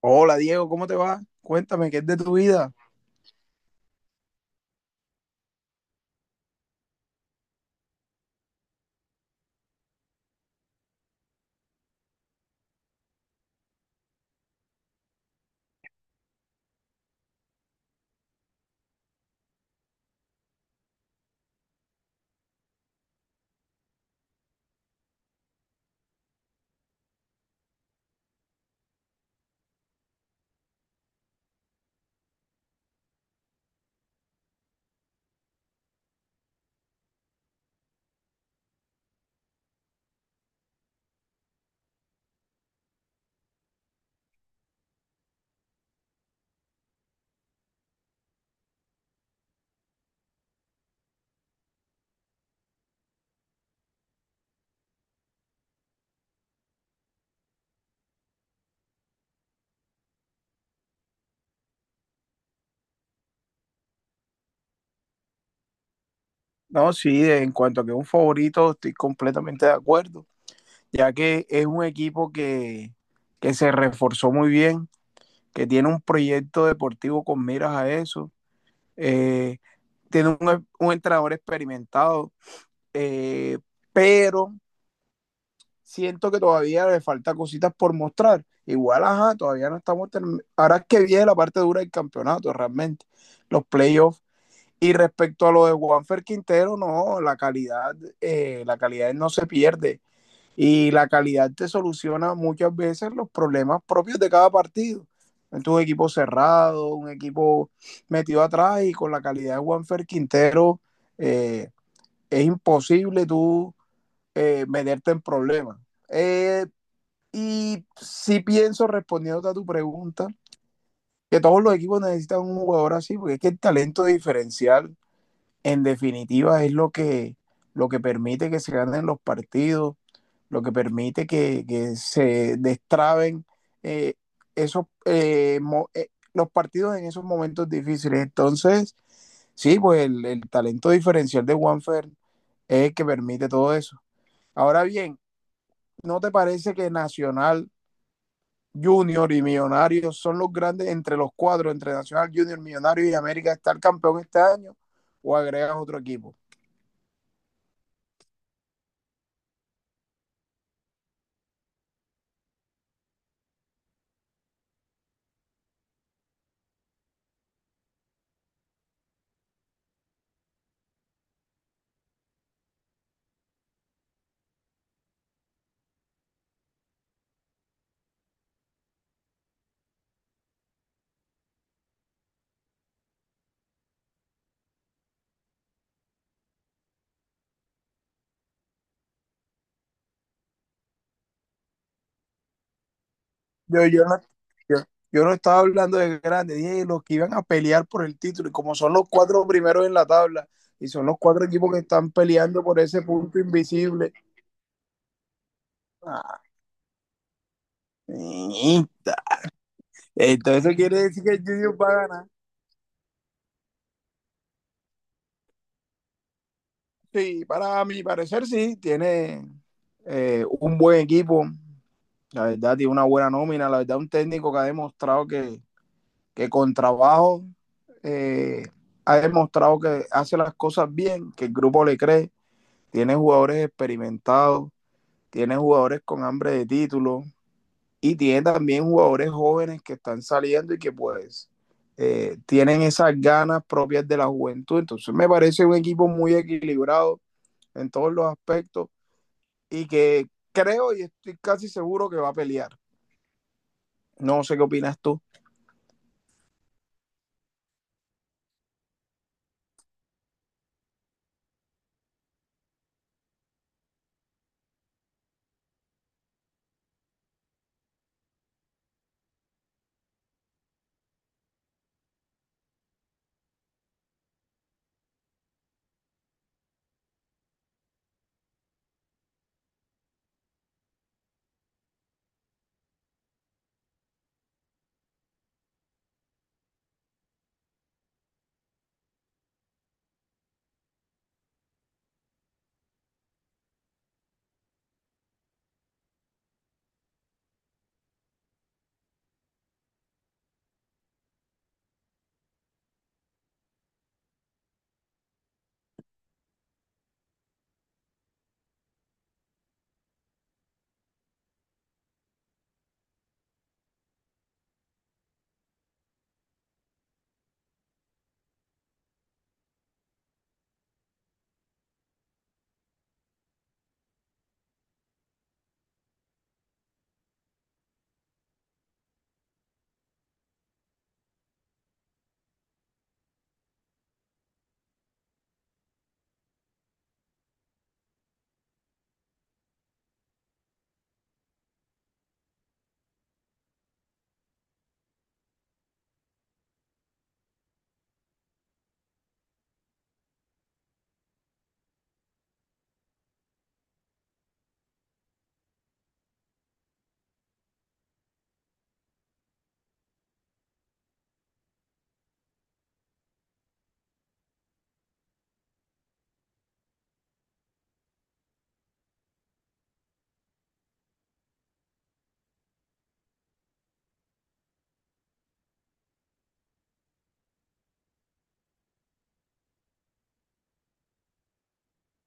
Hola Diego, ¿cómo te va? Cuéntame, ¿qué es de tu vida? No, sí, en cuanto a que es un favorito, estoy completamente de acuerdo, ya que es un equipo que se reforzó muy bien, que tiene un proyecto deportivo con miras a eso, eh, tiene un entrenador experimentado, eh, pero siento que todavía le falta cositas por mostrar. Igual, ajá, todavía no estamos terminando. Ahora es que viene la parte dura del campeonato, realmente. Los playoffs. Y respecto a lo de Juanfer Quintero, no, la calidad no se pierde y la calidad te soluciona muchas veces los problemas propios de cada partido. Entonces, un equipo cerrado, un equipo metido atrás y con la calidad de Juanfer Quintero, eh, es imposible tú meterte en problemas. Eh, y sí pienso, respondiendo a tu pregunta, que todos los equipos necesitan un jugador así, porque es que el talento diferencial en definitiva es lo lo que permite que se ganen los partidos, lo que permite que se destraben eh, esos, los partidos en esos momentos difíciles. Entonces, sí, pues el talento diferencial de Juanfer es el que permite todo eso. Ahora bien, ¿no te parece que Nacional Junior y Millonarios son los grandes entre los cuatro, entre Nacional Junior, Millonarios y América, estar campeón este año o agregas otro equipo? Yo, yo, no, yo, yo no estaba hablando de grandes, dije los que iban a pelear por el título, y como son los cuatro primeros en la tabla, y son los cuatro equipos que están peleando por ese punto invisible. Ah, niñita. Entonces eso quiere decir que el Junior va a ganar. Sí, para mi parecer sí, tiene un buen equipo, la verdad tiene una buena nómina, la verdad un técnico que ha demostrado que con trabajo eh, ha demostrado que hace las cosas bien, que el grupo le cree, tiene jugadores experimentados, tiene jugadores con hambre de título y tiene también jugadores jóvenes que están saliendo y que pues tienen esas ganas propias de la juventud. Entonces me parece un equipo muy equilibrado en todos los aspectos y que creo y estoy casi seguro que va a pelear. No sé qué opinas tú.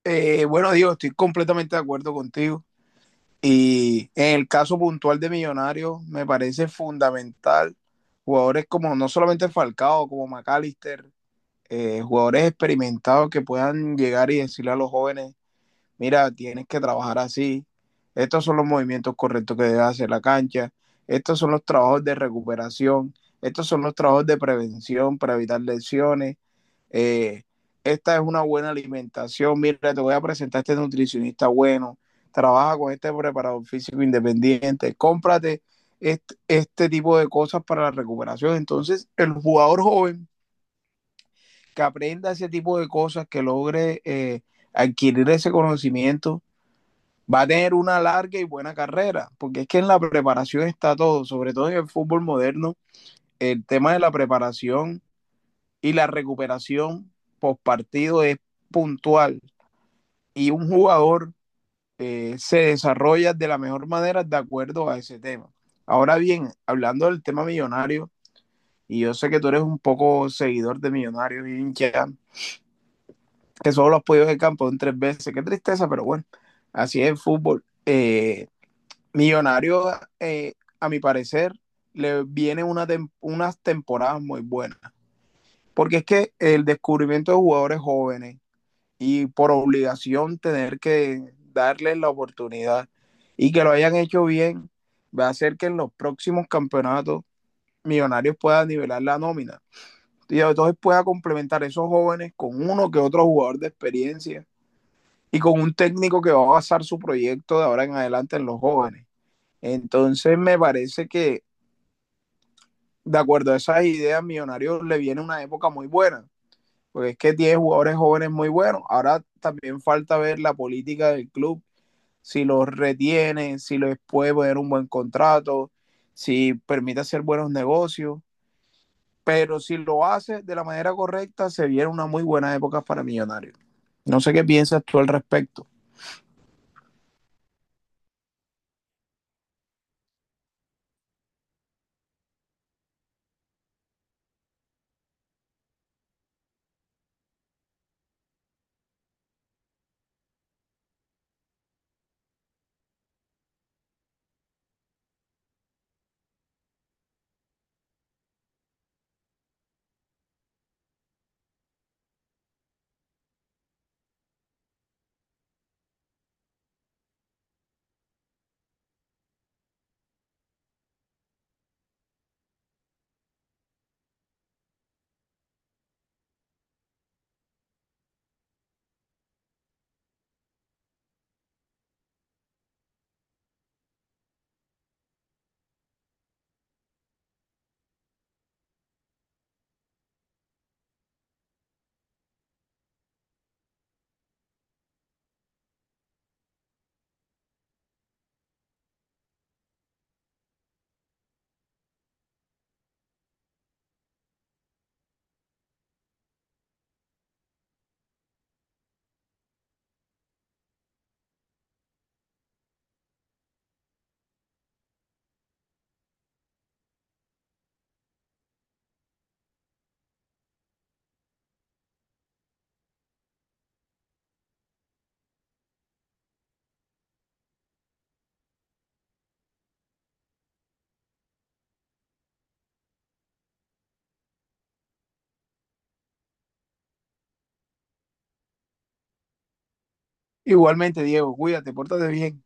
Bueno, Diego, estoy completamente de acuerdo contigo. Y en el caso puntual de Millonarios, me parece fundamental jugadores como no solamente Falcao, como McAllister, jugadores experimentados que puedan llegar y decirle a los jóvenes, mira, tienes que trabajar así, estos son los movimientos correctos que debe hacer la cancha, estos son los trabajos de recuperación, estos son los trabajos de prevención para evitar lesiones, eh, esta es una buena alimentación, mira, te voy a presentar a este nutricionista bueno, trabaja con este preparador físico independiente, cómprate este tipo de cosas para la recuperación. Entonces, el jugador joven que aprenda ese tipo de cosas, que logre adquirir ese conocimiento, va a tener una larga y buena carrera, porque es que en la preparación está todo, sobre todo en el fútbol moderno, el tema de la preparación y la recuperación post partido es puntual, y un jugador se desarrolla de la mejor manera de acuerdo a ese tema. Ahora bien, hablando del tema millonario, y yo sé que tú eres un poco seguidor de Millonarios y hincha, que solo los podido de campo en 3 veces, qué tristeza, pero bueno, así es el fútbol. Millonario, eh, a mi parecer, le viene una tem unas temporadas muy buenas, porque es que el descubrimiento de jugadores jóvenes y por obligación tener que darles la oportunidad y que lo hayan hecho bien, va a hacer que en los próximos campeonatos Millonarios pueda nivelar la nómina. Y entonces pueda complementar esos jóvenes con uno que otro jugador de experiencia y con un técnico que va a basar su proyecto de ahora en adelante en los jóvenes. Entonces me parece que de acuerdo a esas ideas, Millonarios le viene una época muy buena, porque es que tiene jugadores jóvenes muy buenos. Ahora también falta ver la política del club, si los retiene, si les puede poner un buen contrato, si permite hacer buenos negocios. Pero si lo hace de la manera correcta, se viene una muy buena época para Millonarios. No sé qué piensas tú al respecto. Igualmente, Diego, cuídate, pórtate bien.